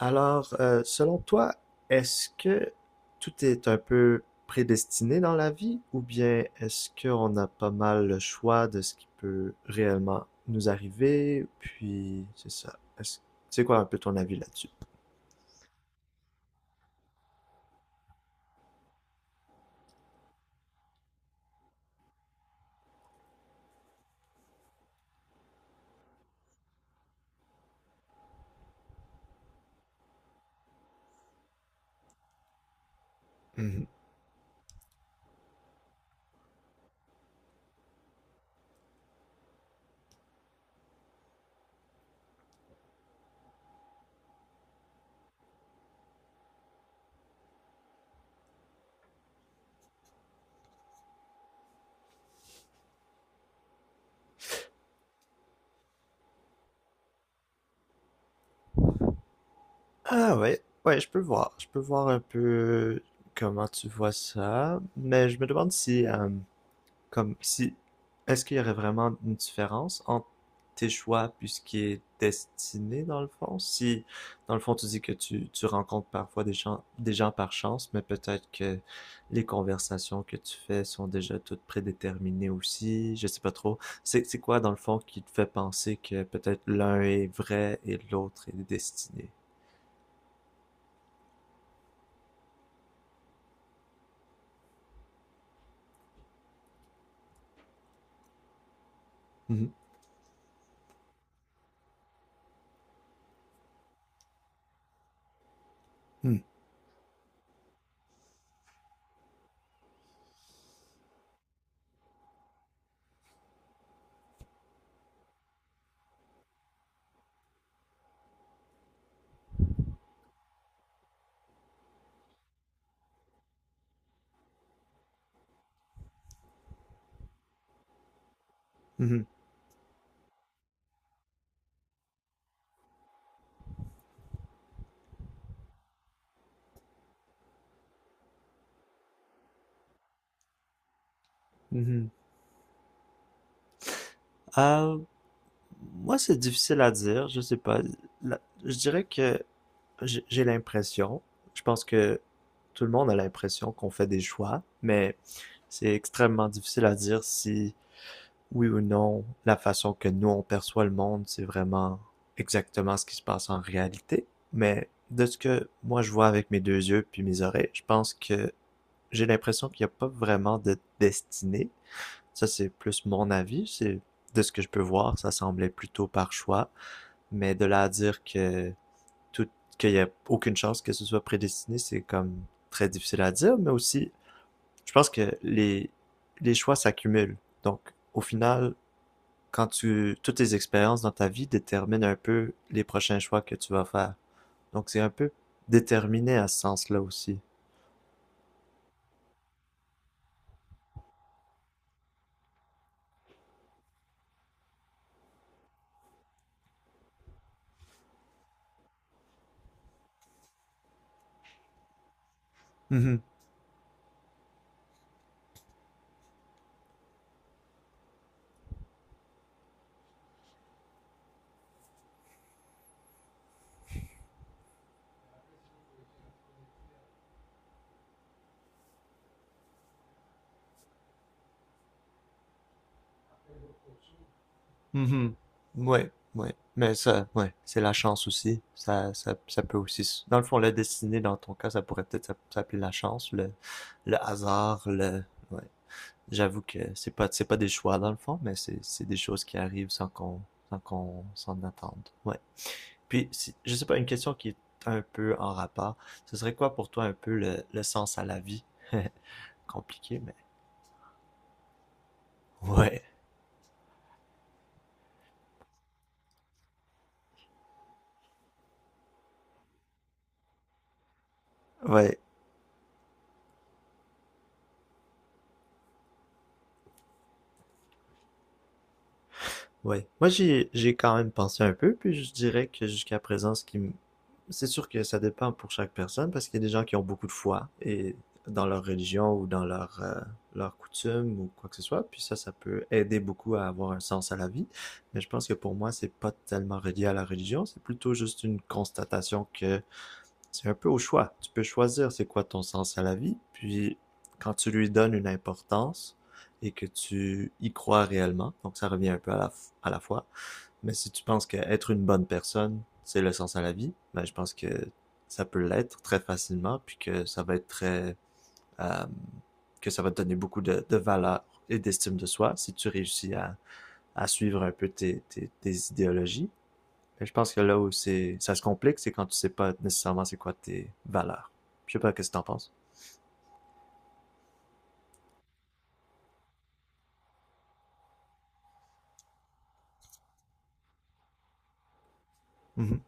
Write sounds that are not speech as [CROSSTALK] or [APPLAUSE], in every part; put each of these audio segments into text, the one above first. Alors, selon toi, est-ce que tout est un peu prédestiné dans la vie ou bien est-ce qu'on a pas mal le choix de ce qui peut réellement nous arriver? Puis, c'est ça. C'est quoi un peu ton avis là-dessus? Mhm. Ah ouais, ouais, je peux voir. Je peux voir un peu comment tu vois ça, mais je me demande si, comme si, est-ce qu'il y aurait vraiment une différence entre tes choix puis ce qui est destiné dans le fond? Si, dans le fond, tu dis que tu rencontres parfois des gens par chance, mais peut-être que les conversations que tu fais sont déjà toutes prédéterminées aussi, je sais pas trop. C'est quoi, dans le fond, qui te fait penser que peut-être l'un est vrai et l'autre est destiné? Mhm. Mhm. Mhm. Ah, moi, c'est difficile à dire, je sais pas. Je dirais que j'ai l'impression, je pense que tout le monde a l'impression qu'on fait des choix, mais c'est extrêmement difficile à dire si oui ou non la façon que nous on perçoit le monde, c'est vraiment exactement ce qui se passe en réalité. Mais de ce que moi je vois avec mes deux yeux puis mes oreilles, je pense que j'ai l'impression qu'il n'y a pas vraiment de destinée. Ça, c'est plus mon avis. C'est de ce que je peux voir, ça semblait plutôt par choix. Mais de là à dire que tout, qu'il n'y a aucune chance que ce soit prédestiné, c'est comme très difficile à dire. Mais aussi, je pense que les choix s'accumulent. Donc, au final, toutes tes expériences dans ta vie déterminent un peu les prochains choix que tu vas faire. Donc, c'est un peu déterminé à ce sens-là aussi. Mhm. Mhm. Ouais, ouais. Mais ça, ouais, c'est la chance aussi. Ça peut aussi. Dans le fond, la destinée, dans ton cas, ça pourrait peut-être s'appeler la chance, le hasard, le. Ouais. J'avoue que c'est pas des choix dans le fond, mais c'est des choses qui arrivent sans qu'on s'en attende. Ouais. Puis, je sais pas, une question qui est un peu en rapport. Ce serait quoi pour toi un peu le sens à la vie? [LAUGHS] Compliqué, mais. Ouais. Ouais. Ouais. Moi, j'ai quand même pensé un peu, puis je dirais que jusqu'à présent, ce qui me... C'est sûr que ça dépend pour chaque personne, parce qu'il y a des gens qui ont beaucoup de foi et dans leur religion ou dans leur, leur coutume ou quoi que ce soit, puis ça peut aider beaucoup à avoir un sens à la vie. Mais je pense que pour moi, c'est pas tellement relié à la religion, c'est plutôt juste une constatation que c'est un peu au choix. Tu peux choisir c'est quoi ton sens à la vie, puis quand tu lui donnes une importance et que tu y crois réellement, donc ça revient un peu à à la fois, mais si tu penses qu'être une bonne personne, c'est le sens à la vie, ben je pense que ça peut l'être très facilement, puis que ça va être très... euh, que ça va te donner beaucoup de valeur et d'estime de soi si tu réussis à suivre un peu tes idéologies. Mais je pense que là où ça se complique, c'est quand tu sais pas nécessairement c'est quoi tes valeurs. Je sais pas qu'est-ce que t'en penses. Mhm.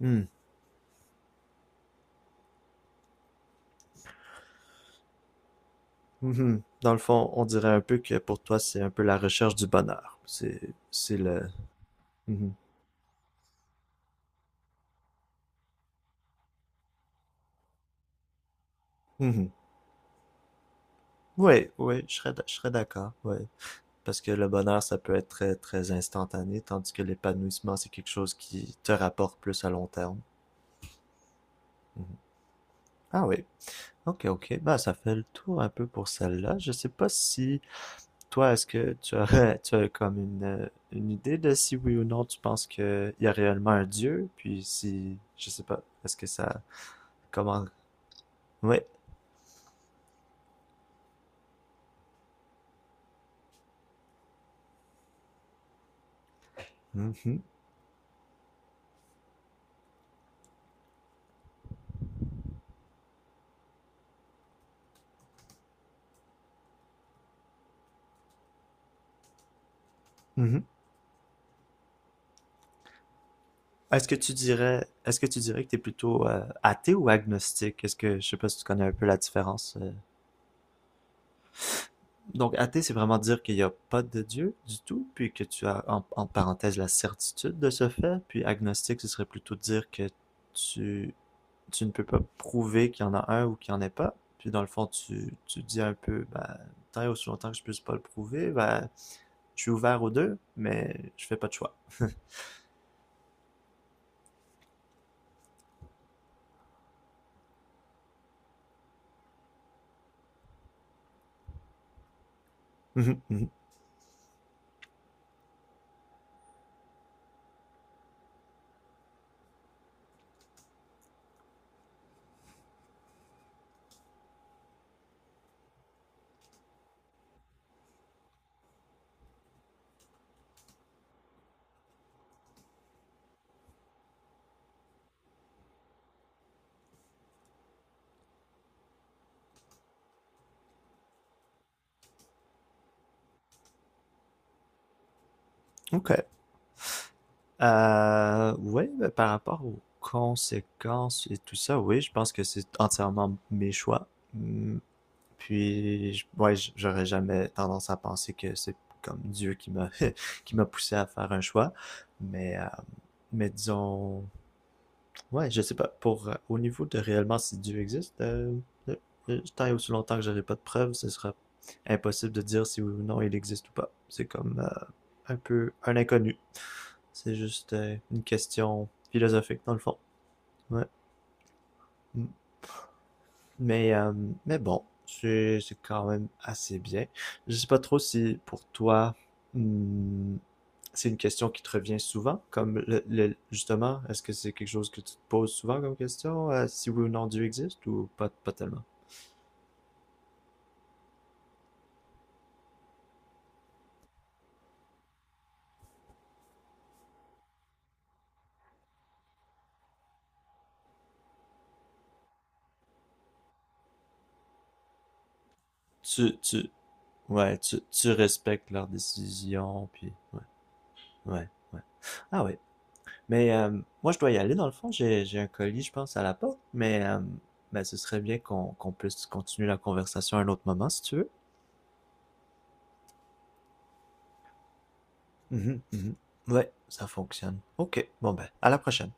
Hmm. Mhm. Dans le fond, on dirait un peu que pour toi, c'est un peu la recherche du bonheur. C'est le. Mhm. Mhm. Oui, oui, je serais d'accord. Oui. Parce que le bonheur, ça peut être très, très instantané, tandis que l'épanouissement, c'est quelque chose qui te rapporte plus à long terme. Mhm. Ah oui. Ok, ok. Bah, ça fait le tour un peu pour celle-là. Je sais pas si toi, est-ce que tu aurais, [LAUGHS] tu as comme une idée de si oui ou non tu penses qu'il y a réellement un Dieu? Puis si, je sais pas, est-ce que ça, comment, ouais. Mhm, mhm. Est-ce que tu dirais, est-ce que tu dirais que t'es plutôt athée ou agnostique? Est-ce que, je sais pas si tu connais un peu la différence donc, athée, c'est vraiment dire qu'il n'y a pas de Dieu du tout, puis que tu as en parenthèse la certitude de ce fait. Puis agnostique, ce serait plutôt dire que tu, tu ne peux pas prouver qu'il y en a un ou qu'il n'y en ait pas. Puis dans le fond, tu dis un peu, ben, tant et aussi longtemps que je ne puisse pas le prouver, ben, je suis ouvert aux deux, mais je fais pas de choix. [LAUGHS] OK. Oui, ben, par rapport aux conséquences et tout ça, oui, je pense que c'est entièrement mes choix. Hmm, puis, ouais, j'aurais jamais tendance à penser que c'est comme Dieu qui m'a [LAUGHS] qui m'a poussé à faire un choix. Mais, euh, mais disons, ouais, je sais pas, pour au niveau de réellement si Dieu existe, euh, tant et aussi longtemps que j'aurai pas de preuves, ce sera impossible de dire si oui ou non il existe ou pas. C'est comme un peu un inconnu. C'est juste une question philosophique dans le fond. Ouais. Mm. Mais, euh, mais bon, c'est quand même assez bien. Je sais pas trop si pour toi, hmm, c'est une question qui te revient souvent, comme justement, est-ce que c'est quelque chose que tu te poses souvent comme question, si oui ou non Dieu existe ou pas, pas tellement? Tu, tu, ouais, tu respectes leurs décisions, puis ouais, ouais, ouais. Ah ouais mais moi je dois y aller dans le fond, j'ai un colis, je pense, à la porte, mais ben, ce serait bien qu'on puisse continuer la conversation à un autre moment, si tu veux. Mhm, mhm. Ouais, ça fonctionne. OK, bon ben, à la prochaine.